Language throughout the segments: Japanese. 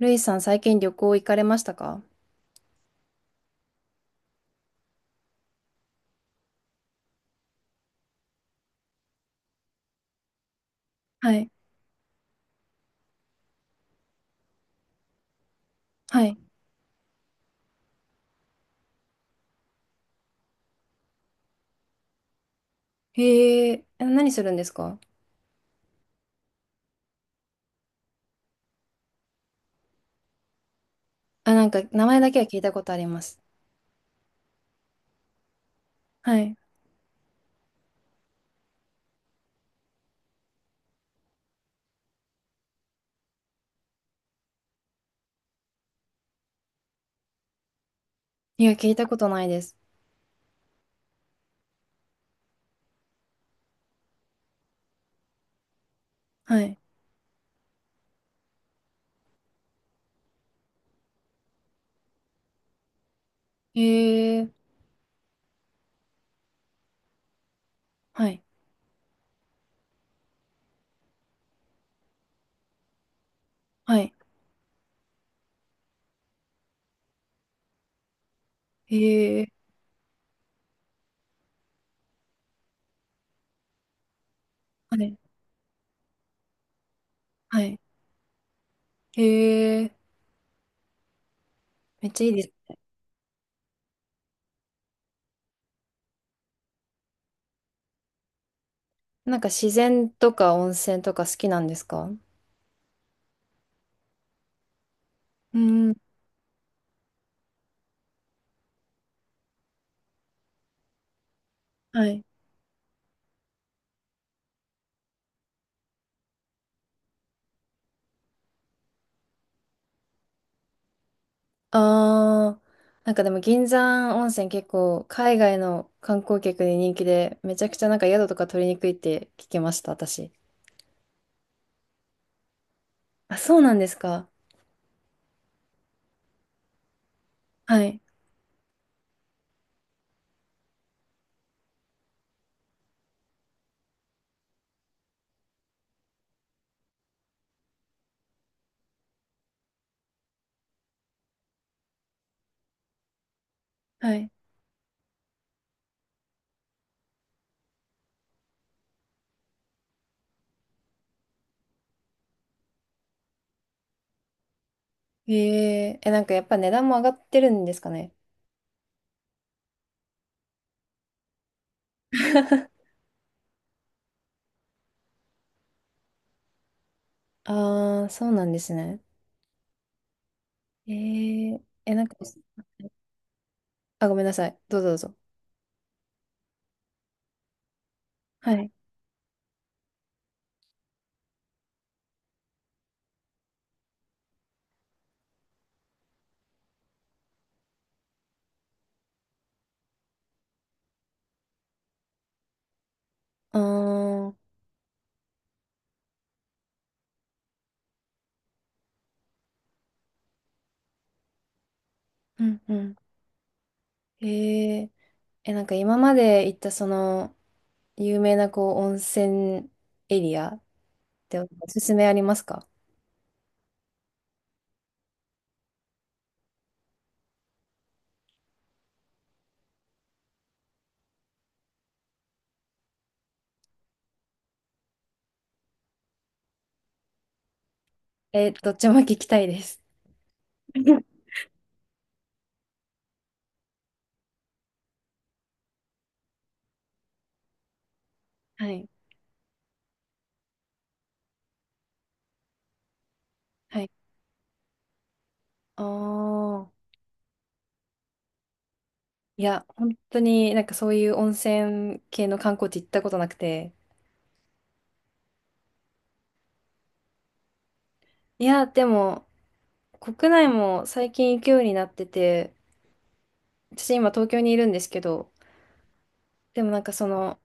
ルイさん、最近旅行行かれましたか？はい。はい。へえ、何するんですか？あ、なんか、名前だけは聞いたことあります。はい。いや、聞いたことないです。はい。へえ、はい。はい。へえ。はい。はい。へえ。めっちゃいいですね。なんか、自然とか温泉とか好きなんですか？うん。はい。あー、なんかでも、銀山温泉結構、海外の観光客に人気で、めちゃくちゃなんか宿とか取りにくいって聞きました、私。あ、そうなんですか。はい。はい。ええ、なんかやっぱ値段も上がってるんですかね。ああ、そうなんですね。ええ、なんか、あ、ごめんなさい。どうぞどうぞ。はい。ああ、うんうん。ええ、なんか今まで行ったその、有名なこう、温泉エリアておすすめありますか？ えー、どっちも聞きたいです。はい。はい。ああ。いや、本当になんかそういう温泉系の観光地行ったことなくて。いや、でも、国内も最近行くようになってて、私今東京にいるんですけど、でもなんかその、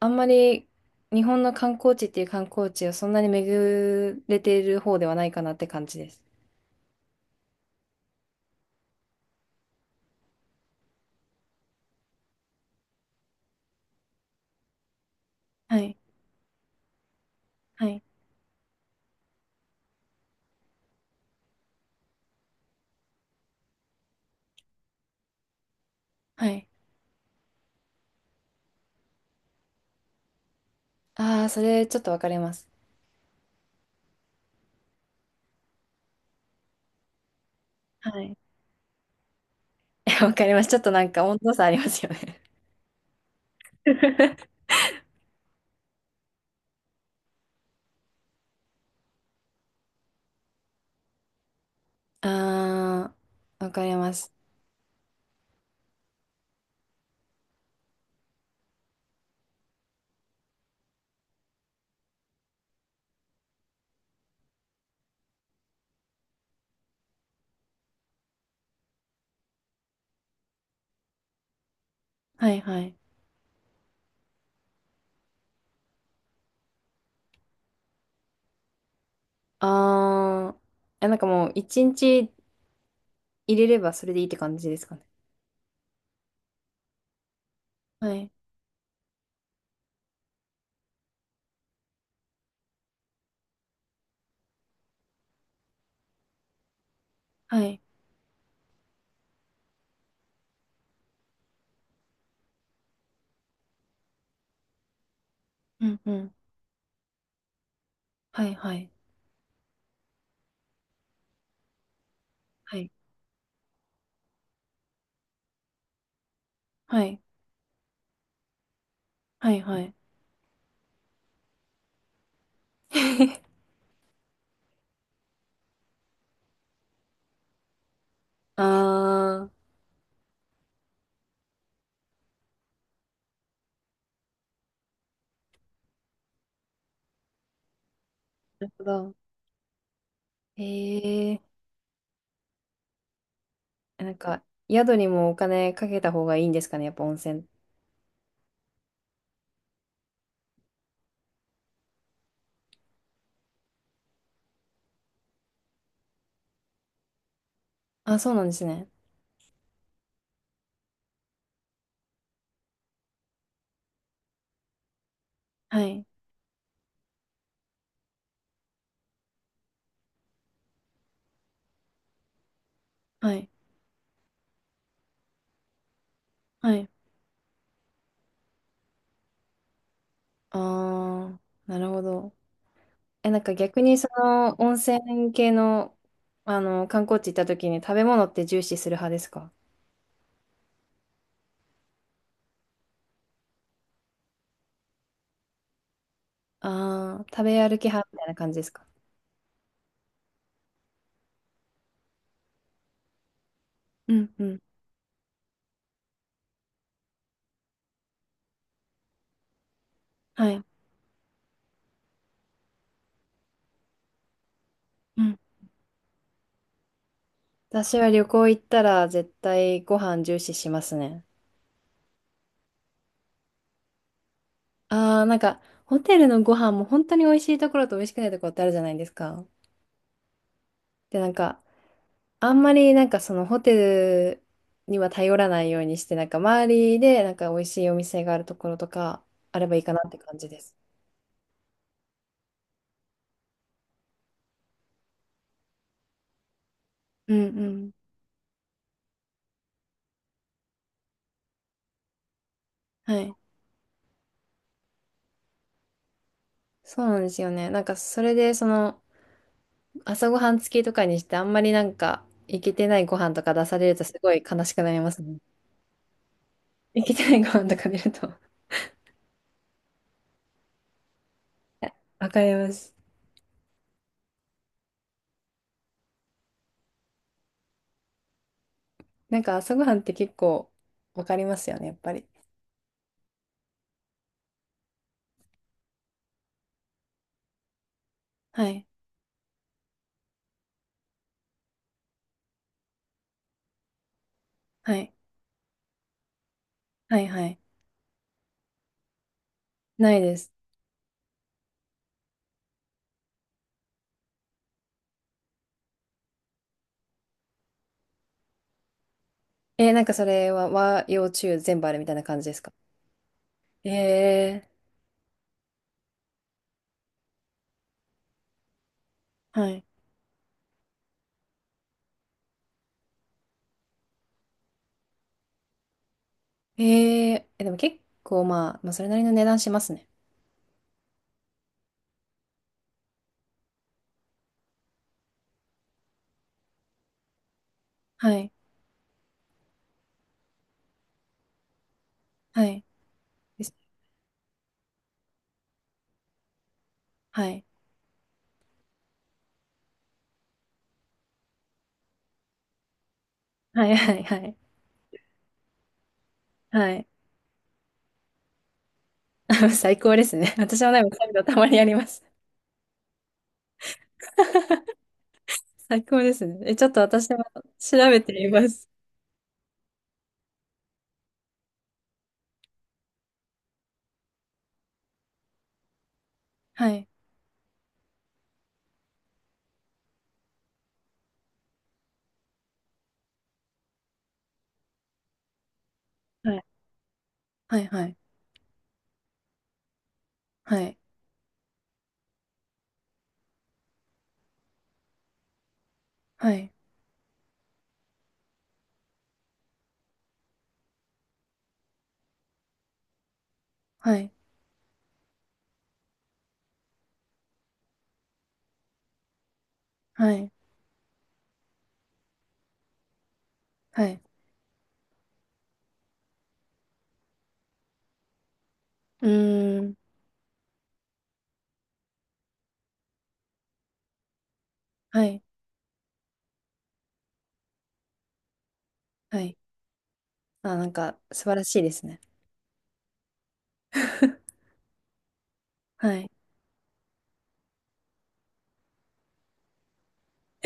あんまり日本の観光地っていう観光地をそんなに巡れている方ではないかなって感じです。はい。はい。はい。ああ、それちょっとわかります。はい。わかります。ちょっとなんか温度差ありますよね。ああ、わかります。はいはい。ああ、え、なんかもう一日入れればそれでいいって感じですかね。はい。はい。うんうん。はいはい。はい。はい。はいはい。ああ。なるほど。へえ、なんか、宿にもお金かけた方がいいんですかね、やっぱ温泉。あ、そうなんですね。はい、はい、はい。あー、なるほど。え、なんか逆にその温泉系の、あの、観光地行った時に食べ物って重視する派ですか？ああー、食べ歩き派みたいな感じですか？うんうん。はい。うん。私は旅行行ったら絶対ご飯重視しますね。あー、なんか、ホテルのご飯も本当に美味しいところと美味しくないところってあるじゃないですか。で、なんか、あんまりなんかそのホテルには頼らないようにして、なんか周りでなんか美味しいお店があるところとかあればいいかなって感じです。うんうん。はい。そうなんですよね。なんかそれでその朝ごはん付きとかにしてあんまりなんかいけてないご飯とか出されるとすごい悲しくなりますね。いけてないご飯とか出るとはい わかります。なんか朝ごはんって結構わかりますよね、やっぱり。はい。はい。はいはい。ないです。えー、なんかそれは和洋中全部あるみたいな感じですか？えー、はい。えー、でも結構まあ、まあ、それなりの値段しますね。はい。はい。ですはい。はい、はい、はい。はい。最高ですね。私もでもそういうのたまにあります。最高ですね。え、ちょっと私も調べてみます。はい。はい。はい。はい。はい。はい。はい。はい。はい。うーん。はい。はい。あ、なんか素晴らしいですね。はい。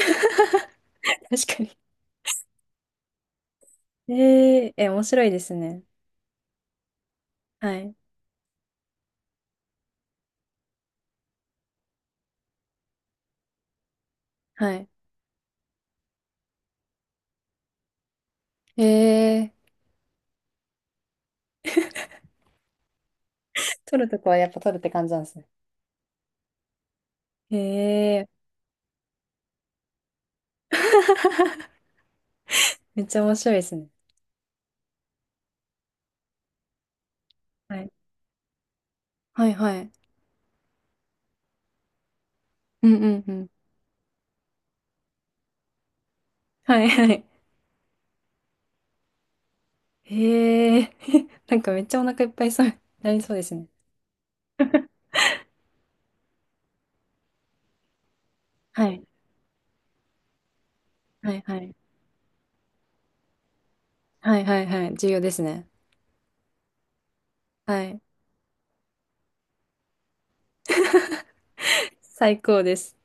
確かに。えー、面白いですね。はい。はい。えー、撮るとこはやっぱ撮るって感じなんですね。えー、めっちゃ面白いですね。はい。はいはい。うんうんうん。はいはい。えー、なんかめっちゃお腹いっぱいそう、なりそうですね。はい。はいはい。はいはいはい。重要ですね。はい。最高です。